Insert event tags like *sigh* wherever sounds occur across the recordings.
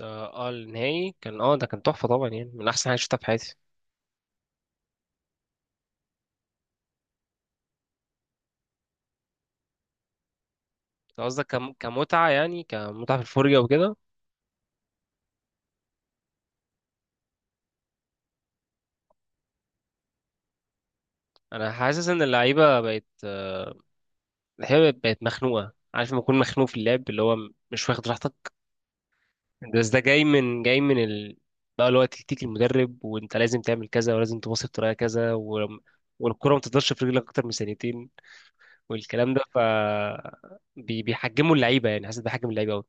النهائي كان ده كان تحفة طبعا، يعني من أحسن حاجة شفتها في حياتي. أنت قصدك كمتعة، يعني كمتعة في الفرجة وكده. أنا حاسس إن اللعيبة بقت، اللعيبة بقت مخنوقة، عارف لما تكون مخنوق في اللعب اللي هو مش واخد راحتك. بس ده جاي بقى اللي هو تكتيك المدرب، وأنت لازم تعمل كذا ولازم تباصي بطريقة كذا، و... والكرة ما تقدرش في رجلك أكتر من ثانيتين، والكلام ده ف بيحجموا اللعيبة، يعني حاسس بيحجم اللعيبة.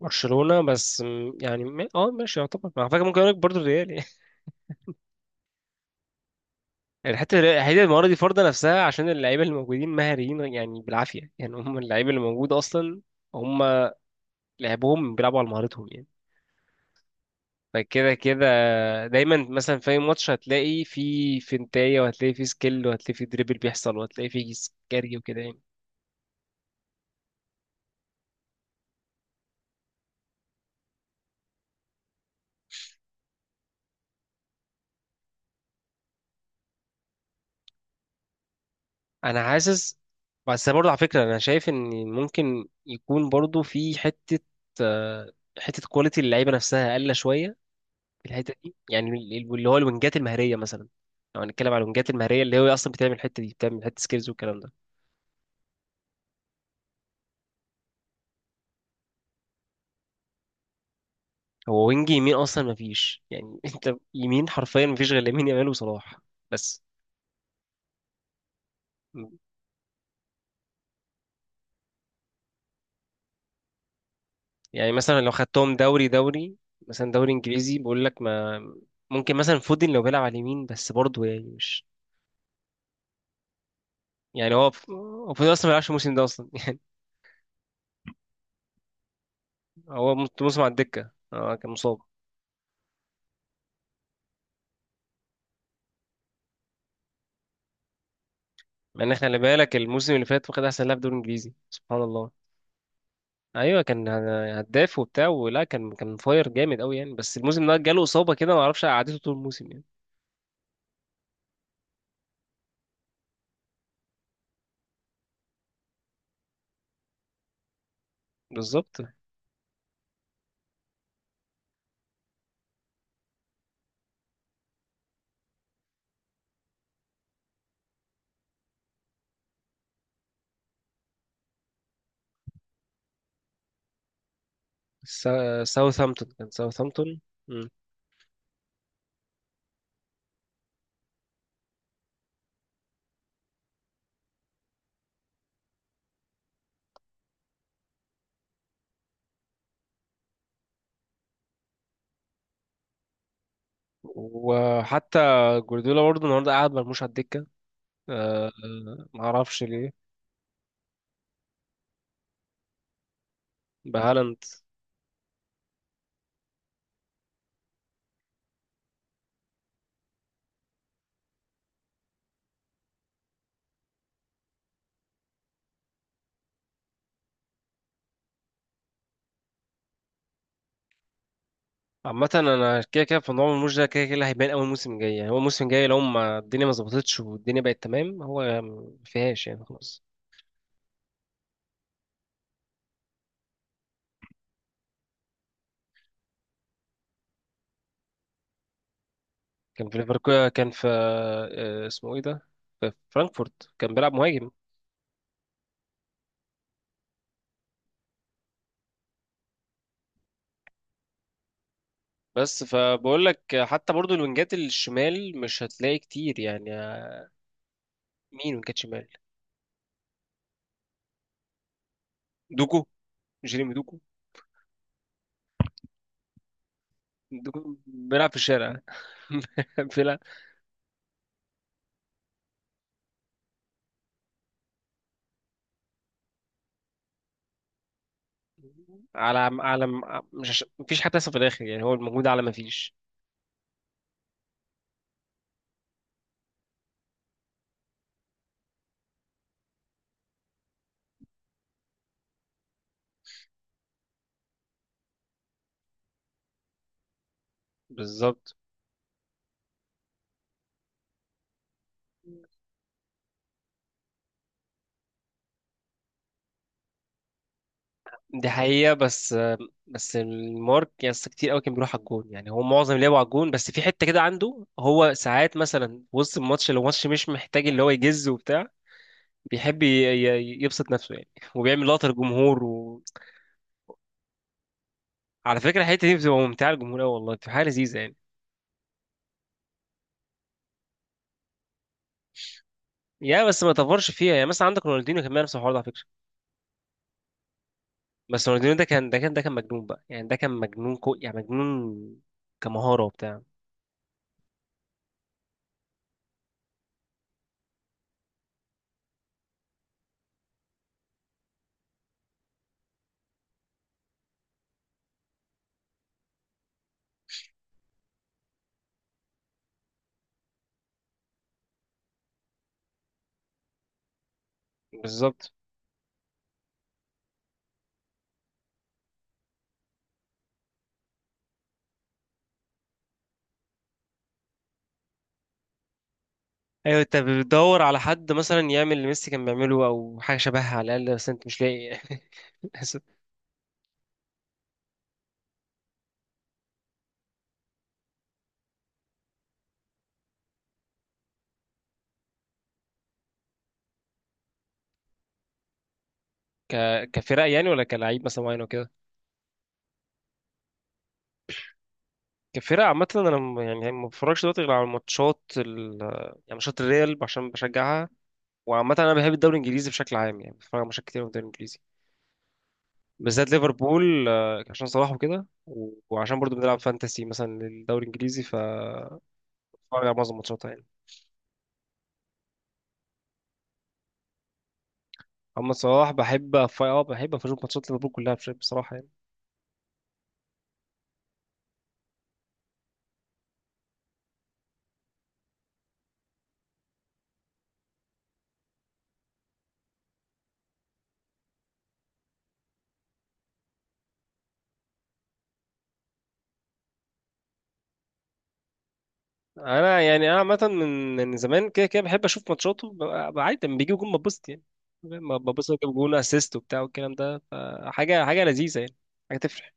برشلونة بس يعني ماشي، يعتبر على فكرة، ممكن اقول لك برضه الريال يعني. *laughs* الحتة المرة دي فرضة نفسها عشان اللعيبة اللي موجودين مهاريين يعني، بالعافية يعني هم اللعيبة اللي موجودة أصلا. هم لعبهم بيلعبوا على مهارتهم يعني. فكده كده دايما مثلا في أي ماتش هتلاقي في فنتاية، وهتلاقي في سكيل، وهتلاقي في دريبل بيحصل، وهتلاقي في جري وكده يعني. أنا حاسس، بس برضه على فكرة أنا شايف إن ممكن يكون برضه في حتة، آه، حتة كواليتي اللعيبة نفسها أقل شوية في الحته دي، يعني اللي هو الوينجات المهريه مثلا. لو هنتكلم على الوينجات المهريه اللي هو اصلا بتعمل الحته دي، بتعمل حته سكيلز والكلام ده. هو وينج يمين اصلا ما فيش يعني، *laughs* انت يمين حرفيا ما فيش غير لامين يامال وصلاح بس. يعني مثلا لو خدتهم دوري، مثلا دوري انجليزي بقول لك، ما ممكن مثلا فودن لو بيلعب على اليمين، بس برضه يعني مش يعني هو، هو فودن اصلا ما بيلعبش الموسم ده اصلا *laughs* يعني. هو موسم على الدكه، اه كان مصاب. مع ان احنا اللي بالك الموسم اللي فات واخد احسن لاعب دوري انجليزي سبحان الله. ايوه كان هداف وبتاع ولا، كان فاير جامد قوي يعني، بس الموسم ده جاله اصابه كده ما اعرفش قعدته طول الموسم يعني. بالظبط. ساوثهامبتون، كان ساوثهامبتون. مم. وحتى جوارديولا برضه النهارده قعد مرموش على الدكه، أه. ما اعرفش ليه. بهالاند. عامة انا كده كده في موضوع مرموش ده، كده كده اللي هيبان اول موسم جاي، يعني هو الموسم الجاي لو ما الدنيا ما ظبطتش والدنيا بقت تمام هو ما فيهاش يعني خلاص. كان في ليفربول، كان في، اسمه ايه ده، في فرانكفورت كان بيلعب مهاجم. بس فبقول لك حتى برضو الوينجات الشمال مش هتلاقي كتير يعني. مين وينجات شمال؟ دوكو، جيريمي دوكو. دوكو بيلعب في الشارع، *laughs* بيلعب على على، مش مفيش حد لسه في الاخر يعني، هو الموجود على مفيش. بالظبط. دي حقيقة، بس بس المارك يعني كتير قوي كان بيروح على الجون، يعني هو معظم لعبه على الجون، بس في حتة كده عنده هو ساعات مثلا في وسط الماتش لو الماتش مش محتاج اللي هو يجز وبتاع، بيحب يبسط نفسه يعني، وبيعمل لقطة للجمهور. و... على فكره الحته دي بتبقى ممتعه للجمهور قوي والله، بتبقى حاجه لذيذه يعني. يا بس ما تفرش فيها يعني، مثلا عندك رونالدينيو كان بيعمل نفس الحوار ده على فكره. بس رونالدينيو ده كان مجنون بقى يعني، ده كان مجنون، كو يعني مجنون كمهاره وبتاع. بالظبط. ايوه انت بتدور على حد مثلا يعمل اللي ميسي كان بيعمله او حاجه شبهها على الاقل، بس انت مش لاقي. *laughs* للأسف. ك كفرق يعني، ولا كلاعب مثلا معين وكده؟ كفرق عامه انا يعني ما بتفرجش دلوقتي غير على يعني ماتشات الريال عشان بشجعها. وعامة أنا بحب الدوري الإنجليزي بشكل عام يعني، بتفرج على ماتشات كتير من الدوري الإنجليزي، بالذات ليفربول، عشان صلاح وكده، وعشان برضو بنلعب فانتسي مثلا للدوري الإنجليزي، فبتفرج على معظم ماتشاتها يعني. أما صلاح بحب بحب أشوف ماتشات ليفربول كلها بصراحة يعني. أنا يعني، أنا عامة من زمان كده كده بحب أشوف ماتشاته، ببقى عادي لما بيجيب جون ببسط يعني، لما ببسط جاب جون أسيست وبتاع والكلام ده، فحاجة حاجة لذيذة يعني، حاجة تفرح.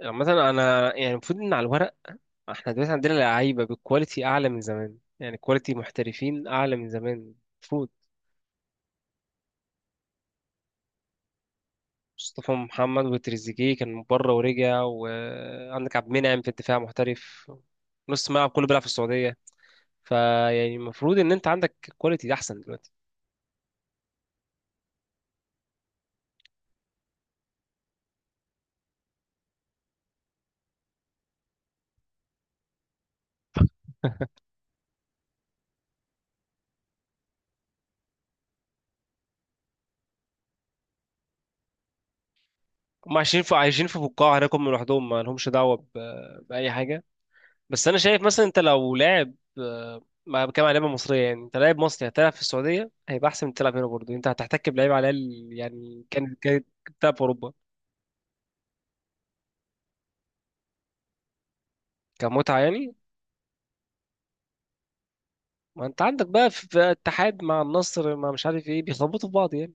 مثلا أنا يعني المفروض إن على الورق احنا دلوقتي عندنا لعيبه بالكواليتي اعلى من زمان يعني، كواليتي محترفين اعلى من زمان المفروض. مصطفى محمد وتريزيجيه كان من بره ورجع، وعندك عبد المنعم في الدفاع محترف، نص ملعب كله بيلعب في السعوديه، فيعني المفروض ان انت عندك كواليتي احسن دلوقتي. هم عايشين في، عايشين في بقاع هناك هم لوحدهم ما لهمش دعوه باي حاجه. بس انا شايف مثلا انت لو لاعب، ما بتكلم على لعيبه مصريه يعني، انت لاعب مصري هتلعب في السعوديه هيبقى احسن من تلعب هنا، برضه انت هتحتك بلعيب على الاقل يعني، كان بتلعب في اوروبا. كمتعه يعني. ما انت عندك بقى في اتحاد مع النصر مع مش عارف ايه، بيخبطوا في بعض يعني.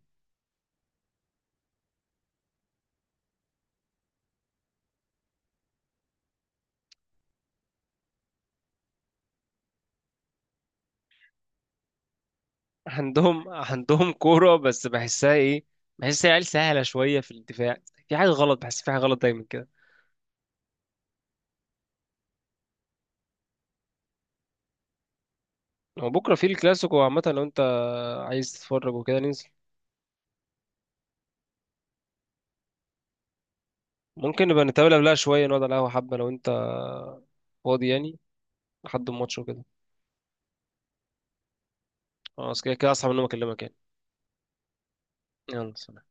*laughs* عندهم عندهم كوره بس بحسها ايه، بحس العيال سهله شويه في الدفاع، في حاجه غلط، بحس في حاجه غلط دايما كده. هو بكره في الكلاسيكو عامه لو انت عايز تتفرج وكده ننزل. ممكن نبقى نتقابل قبلها شوية، نقعد على القهوة حبة لو انت فاضي يعني، لحد الماتش وكده. خلاص كده كده اصحى من النوم اكلمك يعني. يلا سلام.